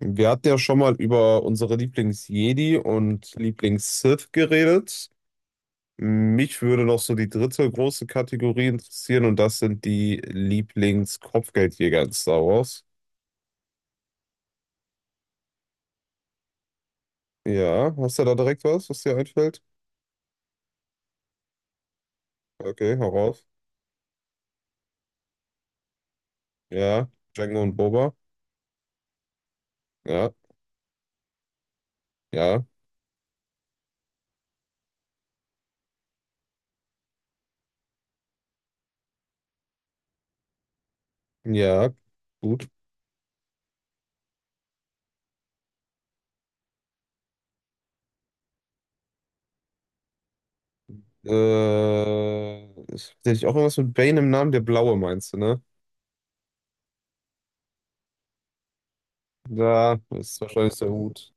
Wir hatten ja schon mal über unsere Lieblings-Jedi und Lieblings-Sith geredet. Mich würde noch so die dritte große Kategorie interessieren und das sind die Lieblings-Kopfgeldjäger in Star Wars. Ja, hast du da direkt was, was dir einfällt? Okay, hau raus. Ja, Jango und Boba. Ja, ja, ja, gut. Äh, Ist tatsächlich auch irgendwas mit Bane im Namen, der Blaue meinst du, ne? Da ist wahrscheinlich der Hut.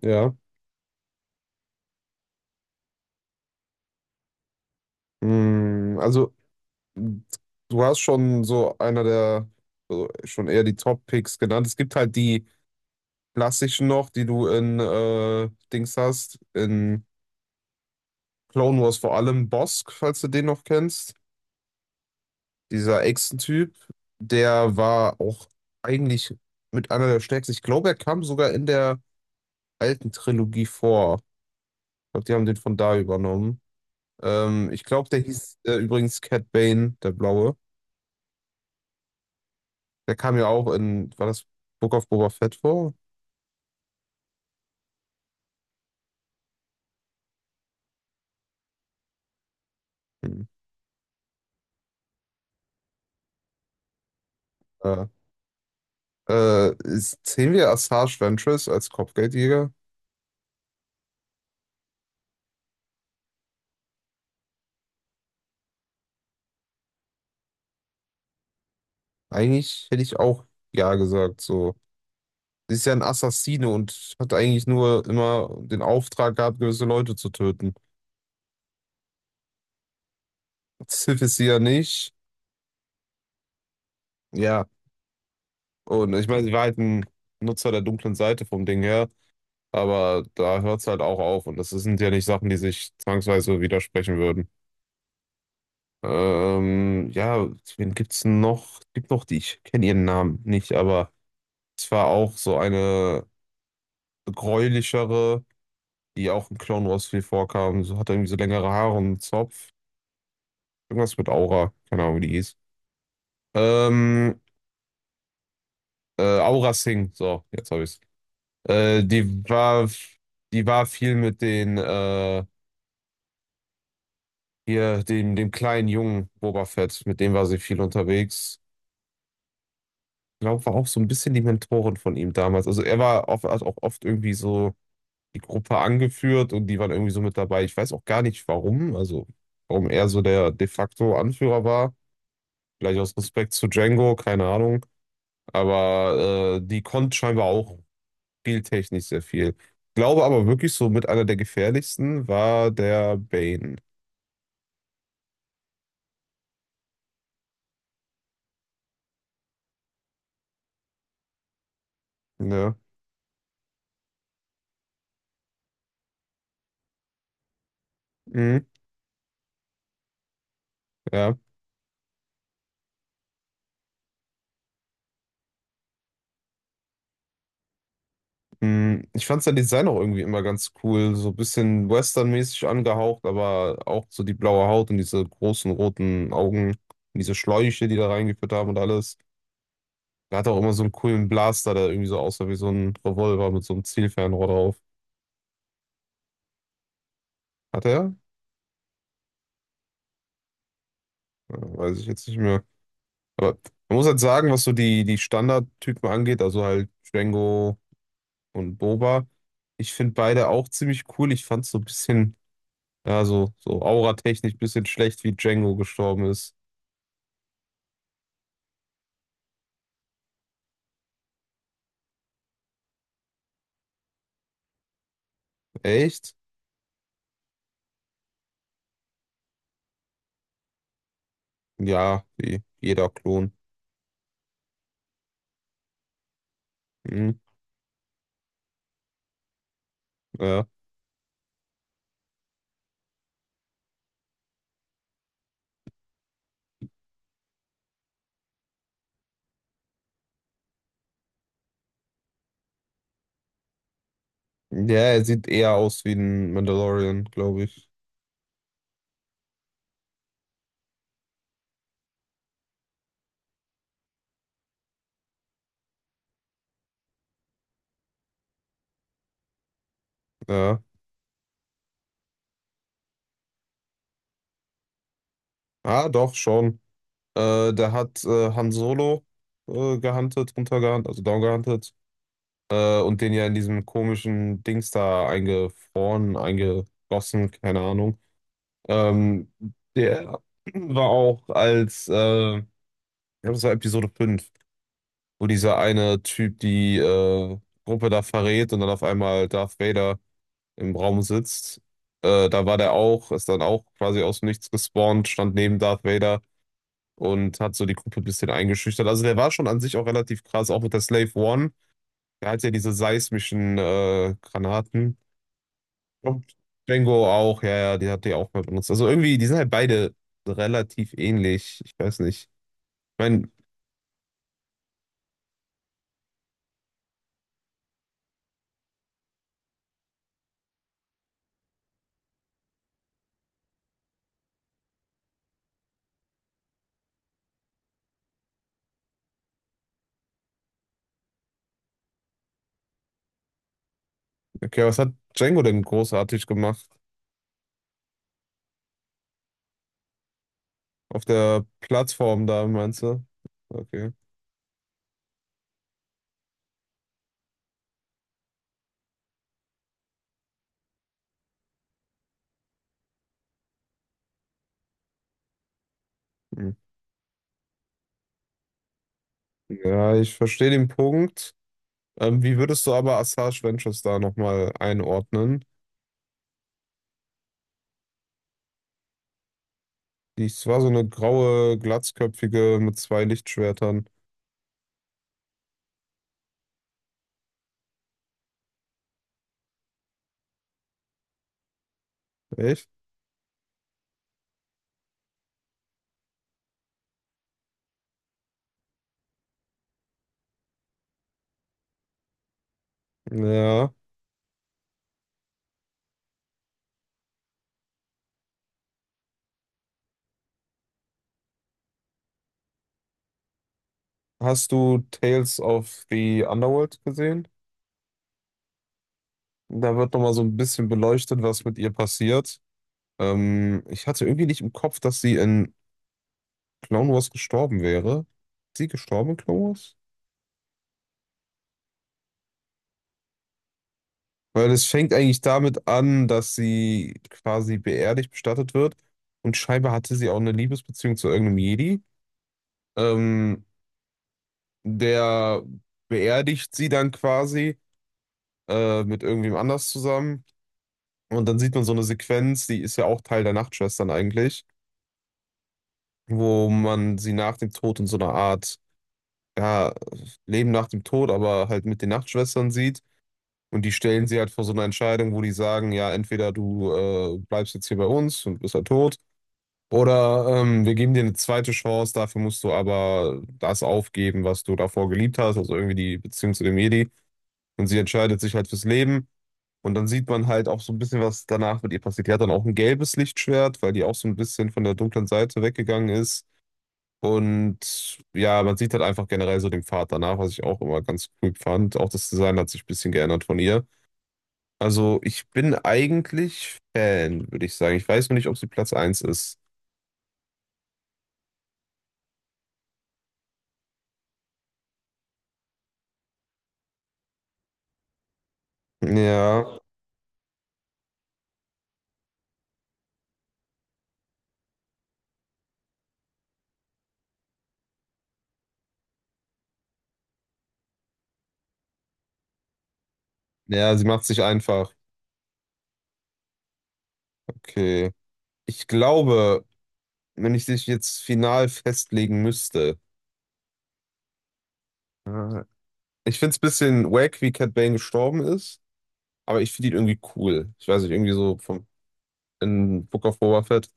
Ja. Also du hast schon so einer der, also schon eher die Top-Picks genannt. Es gibt halt die klassischen noch, die du in Dings hast, in Clone Wars vor allem Bosk, falls du den noch kennst. Dieser Echsen-Typ, der war auch eigentlich mit einer der stärksten. Ich glaube, er kam sogar in der alten Trilogie vor. Ich glaube, die haben den von da übernommen. Ich glaube, der hieß übrigens Cat Bane, der Blaue. Der kam ja auch in, war das Book of Boba Fett vor? Hm. Ja. Zählen wir Assage Ventress als Kopfgeldjäger? Eigentlich hätte ich auch ja gesagt. So. Sie ist ja ein Assassine und hat eigentlich nur immer den Auftrag gehabt, gewisse Leute zu töten. Sith ist sie ja nicht. Ja. Und ich meine, sie war halt ein Nutzer der dunklen Seite vom Ding her, aber da hört es halt auch auf. Und das sind ja nicht Sachen, die sich zwangsweise widersprechen würden. Ja, wen gibt's denn noch? Es gibt noch die, ich kenne ihren Namen nicht, aber es war auch so eine gräulichere, die auch in Clone Wars viel vorkamen. So hat er irgendwie so längere Haare und einen Zopf. Irgendwas mit Aura. Keine Ahnung, wie die hieß. Ähm, Aura Singh. So, jetzt habe ich's. Äh, die war, die war viel mit den, hier, dem kleinen Jungen Boba Fett. Mit dem war sie viel unterwegs. Ich glaube, war auch so ein bisschen die Mentorin von ihm damals. Also er war oft, hat auch oft irgendwie so die Gruppe angeführt und die waren irgendwie so mit dabei. Ich weiß auch gar nicht warum, also warum er so der de facto Anführer war. Vielleicht aus Respekt zu Django, keine Ahnung. Aber die konnte scheinbar auch spieltechnisch sehr viel. Glaube aber wirklich so mit einer der gefährlichsten war der Bane. Ja. Mhm. Ja. Mhm. Ich fand sein Design auch irgendwie immer ganz cool. So ein bisschen westernmäßig angehaucht, aber auch so die blaue Haut und diese großen roten Augen, und diese Schläuche, die da reingeführt haben und alles. Er hat auch immer so einen coolen Blaster, der irgendwie so aussah wie so ein Revolver mit so einem Zielfernrohr drauf. Hat er? Ja, weiß ich jetzt nicht mehr. Aber man muss halt sagen, was so die Standardtypen angeht, also halt Django und Boba. Ich finde beide auch ziemlich cool. Ich fand es so ein bisschen, ja, so, so auratechnisch ein bisschen schlecht, wie Django gestorben ist. Echt? Ja, wie jeder Klon. Hm, ja. Ja, er sieht eher aus wie ein Mandalorian, glaube ich. Ja. Ah, doch, schon. Der hat Han Solo runtergehuntet, also down und den ja in diesem komischen Dings da eingefroren, eingegossen, keine Ahnung. Ähm, Der war auch ich glaube, das war Episode 5, wo dieser eine Typ die Gruppe da verrät und dann auf einmal Darth Vader im Raum sitzt. Da war der auch, ist dann auch quasi aus dem Nichts gespawnt, stand neben Darth Vader und hat so die Gruppe ein bisschen eingeschüchtert. Also der war schon an sich auch relativ krass, auch mit der Slave One. Der hat ja diese seismischen Granaten, und Django auch, ja, ja, die hat die auch mal benutzt. Also irgendwie, die sind halt beide relativ ähnlich. Ich weiß nicht. Ich meine, okay, was hat Django denn großartig gemacht? Auf der Plattform da, meinst du? Okay. Hm. Ja, ich verstehe den Punkt. Wie würdest du aber Asajj Ventress da nochmal einordnen? Die Es war so eine graue, glatzköpfige mit zwei Lichtschwertern. Echt? Ja. Hast du Tales of the Underworld gesehen? Da wird nochmal so ein bisschen beleuchtet, was mit ihr passiert. Ich hatte irgendwie nicht im Kopf, dass sie in Clone Wars gestorben wäre. Ist sie gestorben in Clone Wars? Weil es fängt eigentlich damit an, dass sie quasi beerdigt bestattet wird. Und scheinbar hatte sie auch eine Liebesbeziehung zu irgendeinem Jedi. Ähm, Der beerdigt sie dann quasi mit irgendwem anders zusammen. Und dann sieht man so eine Sequenz, die ist ja auch Teil der Nachtschwestern eigentlich, wo man sie nach dem Tod in so einer Art, ja, Leben nach dem Tod, aber halt mit den Nachtschwestern sieht. Und die stellen sie halt vor so eine Entscheidung, wo die sagen, ja, entweder du bleibst jetzt hier bei uns und bist halt tot, oder wir geben dir eine zweite Chance, dafür musst du aber das aufgeben, was du davor geliebt hast, also irgendwie die Beziehung zu dem Jedi. Und sie entscheidet sich halt fürs Leben. Und dann sieht man halt auch so ein bisschen, was danach mit ihr passiert. Die hat dann auch ein gelbes Lichtschwert, weil die auch so ein bisschen von der dunklen Seite weggegangen ist. Und ja, man sieht halt einfach generell so den Pfad danach, was ich auch immer ganz cool fand. Auch das Design hat sich ein bisschen geändert von ihr. Also ich bin eigentlich Fan, würde ich sagen. Ich weiß nur nicht, ob sie Platz eins ist. Ja, ja, sie macht sich einfach. Okay. Ich glaube, wenn ich dich jetzt final festlegen müsste, äh, ich finde es ein bisschen wack, wie Cat Bane gestorben ist, aber ich finde ihn irgendwie cool. Ich weiß nicht, irgendwie so vom in Book of Boba Fett.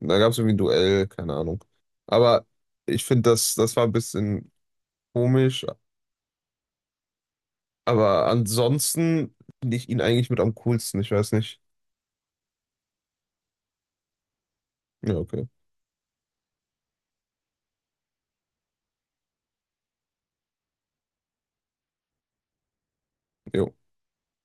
Da gab es irgendwie ein Duell, keine Ahnung. Aber ich finde, das war ein bisschen komisch. Aber ansonsten finde ich ihn eigentlich mit am coolsten. Ich weiß nicht. Ja, okay. Jo.